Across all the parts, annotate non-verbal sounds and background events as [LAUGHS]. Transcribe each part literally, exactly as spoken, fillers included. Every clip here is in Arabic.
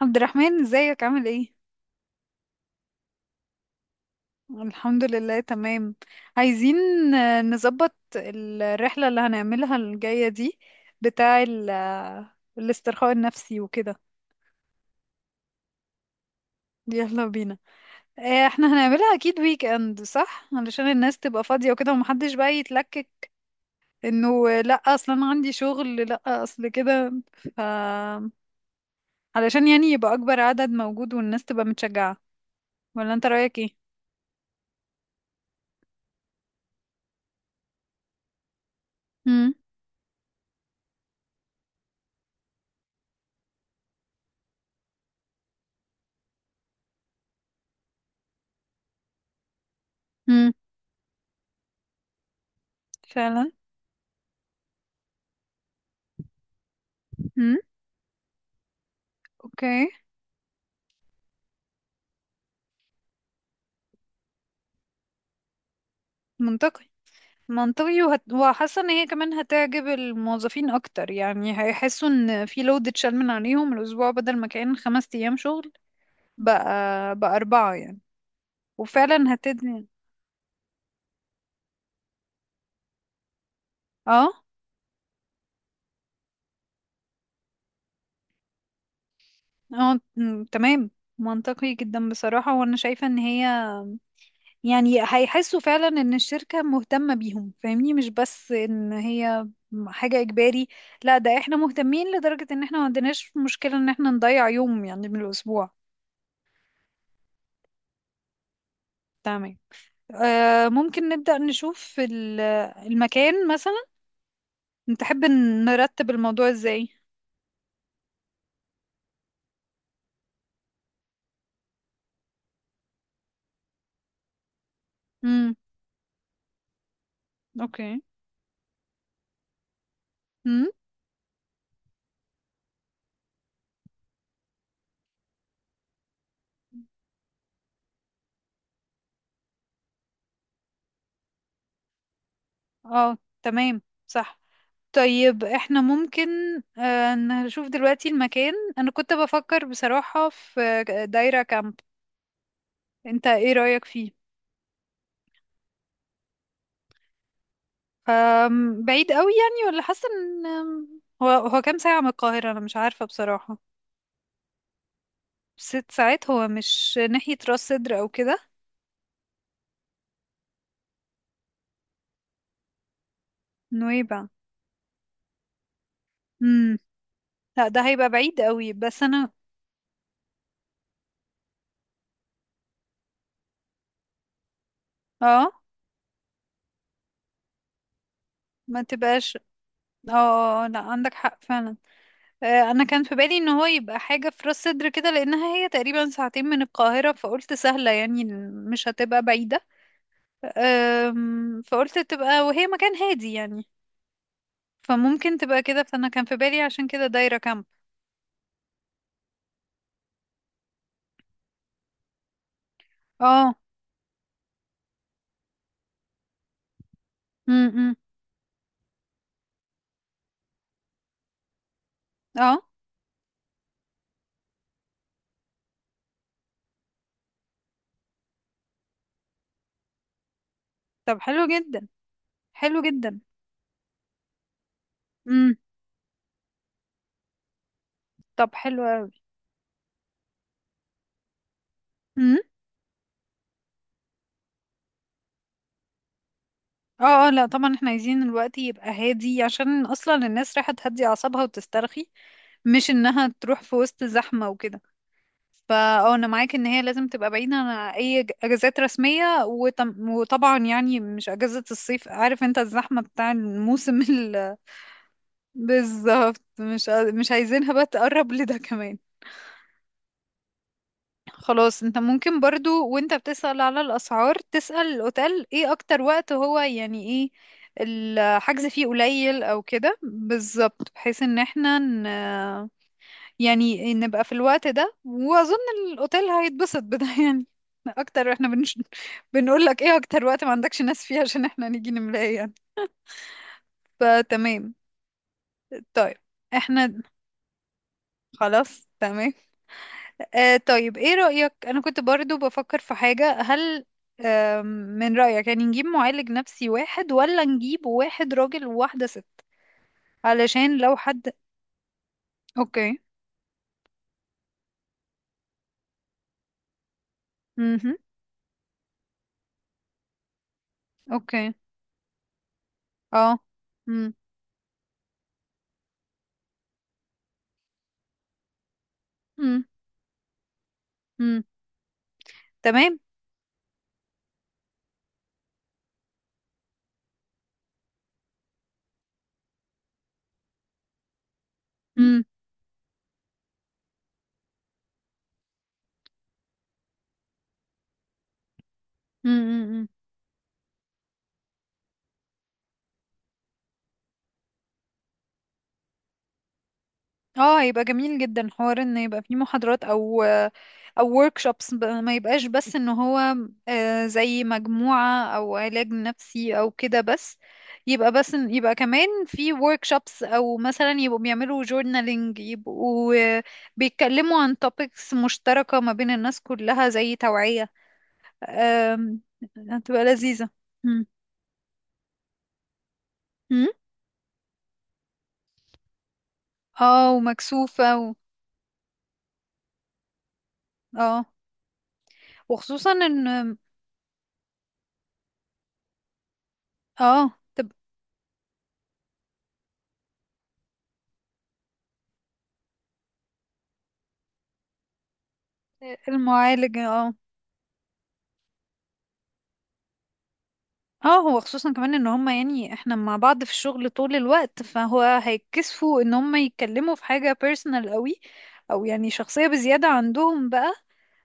عبد الرحمن، ازيك؟ عامل ايه؟ الحمد لله، تمام. عايزين. آه، نظبط الرحلة اللي هنعملها الجاية دي. بتاع ال- آه، الاسترخاء النفسي وكده. يلا بينا. آه، احنا هنعملها اكيد ويك اند، صح؟ علشان الناس تبقى فاضية وكده ومحدش بقى يتلكك انه آه، لا، اصلا انا عندي شغل، لا اصل كده. ف علشان يعني يبقى اكبر عدد موجود والناس تبقى متشجعة. ولا انت رأيك ايه؟ امم. امم. فعلا. امم. اوكي. منطقي. منطقي. وهت... وحاسه ان هي كمان هتعجب الموظفين اكتر، يعني هيحسوا ان في لود اتشال من عليهم الاسبوع بدل ما كان خمس ايام شغل. بقى بقى اربعه يعني. وفعلا هتدني. اه، اه، م- تمام. منطقي جدا بصراحه، وانا شايفه ان هي يعني هيحسوا فعلا ان الشركه مهتمه بيهم، فاهمني؟ مش بس ان هي حاجه اجباري، لا، ده احنا مهتمين لدرجه ان احنا ما عندناش مشكله ان احنا نضيع يوم يعني من الاسبوع. تمام. آه، ممكن نبدأ نشوف ال- المكان مثلا، نتحب نرتب الموضوع ازاي. امم. اوكي. امم. اه. تمام. صح. طيب، احنا ممكن آه، نشوف دلوقتي المكان. انا كنت بفكر بصراحة في دايرة كامب، انت ايه رأيك فيه؟ أم، بعيد قوي يعني؟ ولا حاسة ان أم، هو هو كام ساعة من القاهرة؟ انا مش عارفة بصراحة. ست ساعات؟ هو مش ناحية راس سدر او كده؟ نويبع؟ امم. لا، ده هيبقى بعيد قوي، بس انا اه، ما تبقاش اه، اه، لا، عندك حق فعلا. آه، انا كان في بالي ان هو يبقى حاجة في راس صدر كده، لانها هي تقريبا ساعتين من القاهرة، فقلت سهلة يعني، مش هتبقى بعيدة. آم، فقلت تبقى، وهي مكان هادي يعني، فممكن تبقى كده. فانا كان في بالي عشان كده دايرة كامب. اه. امم. اه. طب حلو جدا، حلو جدا. امم. طب حلو اوي. امم. اه، اه، لا، طبعا احنا عايزين الوقت يبقى هادي، عشان اصلا الناس رايحة تهدي اعصابها وتسترخي، مش انها تروح في وسط زحمة وكده. فاه، انا معاك ان هي لازم تبقى بعيدة عن اي ج- اجازات رسمية، وطم- وطبعا يعني مش اجازة الصيف، عارف انت الزحمة بتاع الموسم [LAUGHS] ال... بالظبط، مش ع- مش عايزينها بقى تقرب لده كمان. خلاص، انت ممكن برضو وانت بتسأل على الاسعار، تسأل الاوتيل ايه اكتر وقت هو يعني ايه الحجز فيه قليل او كده، بالظبط، بحيث ان احنا يعني نبقى في الوقت ده. واظن الاوتيل هيتبسط بده [LAUGHS] يعني اكتر. احنا بنش... بنقول لك ايه اكتر وقت ما عندكش ناس فيه عشان احنا نيجي نملاها يعني. فتمام. طيب احنا خلاص تمام. آه، طيب، ايه رأيك؟ انا كنت برضو بفكر في حاجة. هل آه من رأيك يعني نجيب معالج نفسي واحد، ولا نجيب واحد راجل وواحدة ست، علشان لو حد. اوكي. امم. اوكي. اه. امم. امم. تمام. امم. اه، هيبقى جميل جدا حوار ان يبقى فيه محاضرات او او workshops، ب- ما يبقاش بس ان هو آه، زي مجموعة او علاج نفسي او كده بس. يبقى بس إن- يبقى كمان في workshops، او مثلا يبقوا بيعملوا journaling، يبقوا آه، بيتكلموا عن topics مشتركة ما بين الناس كلها، زي توعية. آم، هتبقى لذيذة. مم. مم. اه، ومكسوفة و... اه، وخصوصا ان اه تب- المعالج. اه. اه، هو خصوصا كمان ان هما، يعني احنا مع بعض في الشغل طول الوقت، فهو هيتكسفوا ان هما يتكلموا في حاجة بيرسونال قوي، او يعني شخصية بزيادة، عندهم بقى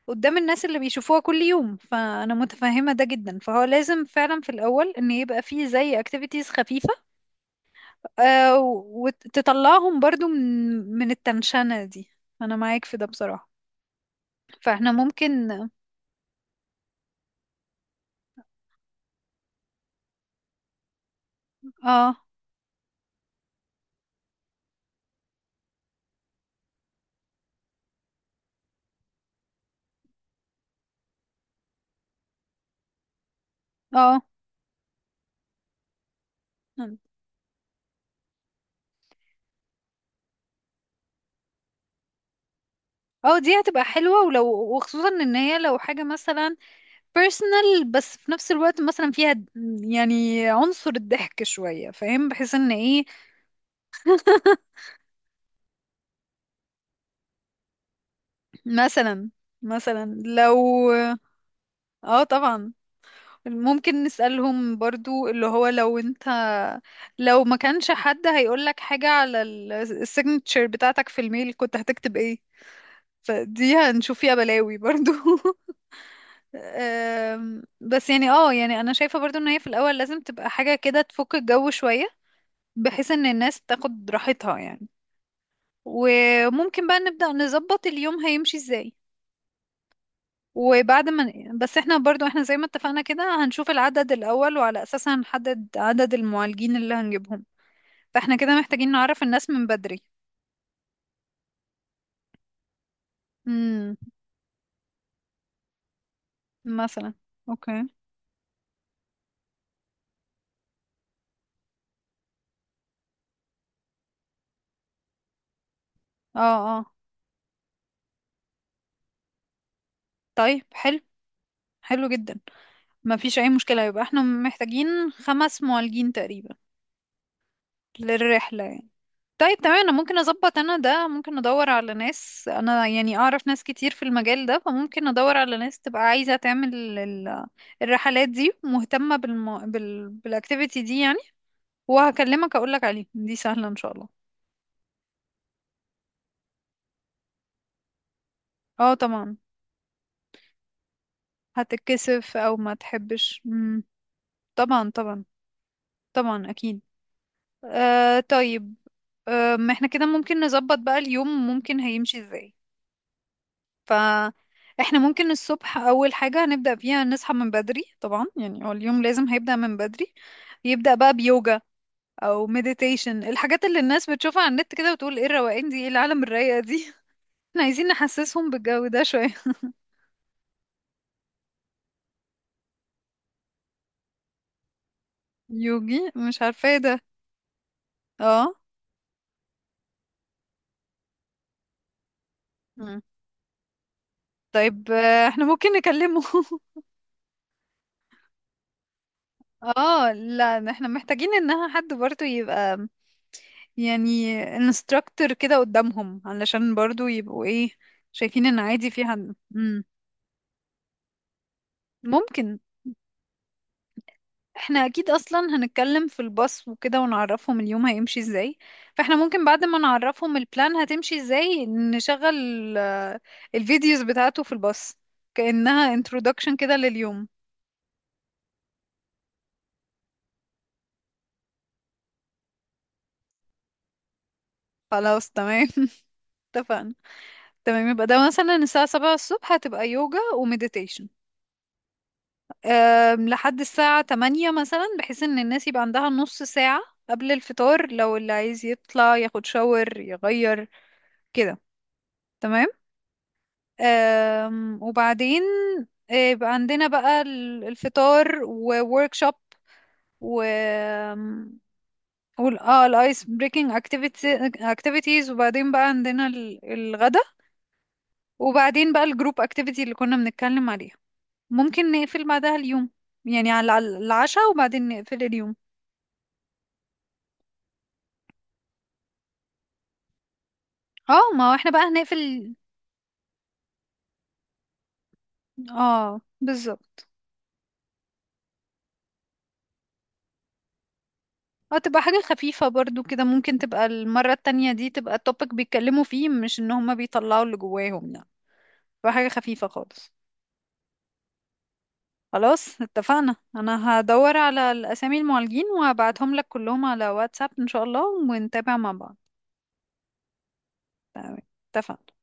قدام الناس اللي بيشوفوها كل يوم. فانا متفهمة ده جدا، فهو لازم فعلا في الاول ان يبقى فيه زي اكتيفيتيز خفيفة. آه، وتطلعهم برضو من من التنشنة دي. انا معاك في ده بصراحة. فاحنا ممكن اه، اه، اه، دي هتبقى حلوة. ولو وخصوصا ان هي لو حاجة مثلا بيرسونال، بس في نفس الوقت مثلا فيها د- يعني عنصر الضحك شوية، فاهم؟ بحيث ان ايه. [LAUGHS] مثلا. مثلا لو اه، طبعا. ممكن نسألهم برضو اللي هو، لو انت لو ما كانش حد هيقولك حاجة على السيجنتشر بتاعتك في الميل كنت هتكتب ايه؟ فدي هنشوف فيها بلاوي برضو. [LAUGHS] أم، بس يعني اه يعني انا شايفة برضو ان هي في الاول لازم تبقى حاجة كده تفك الجو شوية، بحيث ان الناس تاخد راحتها يعني. وممكن بقى نبدأ نظبط اليوم هيمشي ازاي. وبعد ما ن- بس احنا برضو، احنا زي ما اتفقنا كده، هنشوف العدد الأول وعلى أساسها هنحدد عدد المعالجين اللي هنجيبهم. فاحنا كده محتاجين نعرف الناس من بدري. امم. مثلا. اوكي. اه. اه. طيب، حلو. حلو جدا. ما فيش اي مشكلة، يبقى احنا محتاجين خمس معالجين تقريبا للرحلة يعني. طيب تمام. انا ممكن اظبط، انا ده ممكن ادور على ناس، انا يعني اعرف ناس كتير في المجال ده، فممكن ادور على ناس تبقى عايزة تعمل ال- الرحلات دي، مهتمة بالم... بال... بالاكتيفيتي دي يعني. وهكلمك اقولك عليه، دي سهلة ان شاء الله. اه، طبعا. هتتكسف او ما تحبش. مم. طبعا، طبعا، طبعا، اكيد. آه، طيب. آه، ما احنا كده ممكن نظبط بقى اليوم ممكن هيمشي ازاي. فاحنا ممكن الصبح اول حاجة هنبدأ بيها نصحى من بدري، طبعا يعني هو اليوم لازم هيبدأ من بدري. يبدأ بقى بيوجا او مديتيشن، الحاجات اللي الناس بتشوفها على النت كده، وتقول ايه الروقان دي، ايه العالم الرايقة دي. [LAUGHS] احنا عايزين نحسسهم بالجو ده شوية. يوجي، مش عارفة ايه ده. اه. مم. طيب آه، احنا ممكن نكلمه. [LAUGHS] اه، لا، احنا محتاجين انها حد برضو يبقى، يعني انستراكتور كده قدامهم، علشان برضو يبقوا ايه، شايفين ان عادي في حد. ممكن. احنا اكيد اصلا هنتكلم في الباص وكده ونعرفهم اليوم هيمشي ازاي، فاحنا ممكن بعد ما نعرفهم البلان هتمشي ازاي، نشغل آه، الفيديوز بتاعته في الباص، كأنها introduction كده لليوم. خلاص تمام. [LAUGHS] اتفقنا. تمام، يبقى ده مثلا الساعة سبعة الصبح هتبقى يوجا وميديتيشن. أم، لحد الساعة تمانية مثلا، بحيث ان الناس يبقى عندها نص ساعة قبل الفطار، لو اللي عايز يطلع ياخد شاور يغير كده. تمام. آم، وبعدين آه، يبقى عندنا بقى ال- الفطار ووركشوب و آم، وال- اه الايس بريكنج اكتيفيتيز. وبعدين بقى عندنا ال- الغدا. وبعدين بقى الجروب اكتيفيتي اللي كنا بنتكلم عليها، ممكن نقفل بعدها اليوم يعني على على العشاء وبعدين نقفل اليوم. اه، ما هو احنا بقى هنقفل. اه، بالظبط. اه، تبقى حاجة خفيفة برضو كده، ممكن تبقى المرة التانية دي تبقى التوبيك بيتكلموا فيه مش ان هما بيطلعوا اللي جواهم يعني، بحاجة خفيفة خالص. خلاص، اتفقنا. انا هدور على الاسامي المعالجين وهبعتهم لك كلهم على واتساب ان شاء الله، ونتابع مع بعض. تمام. اتفقنا.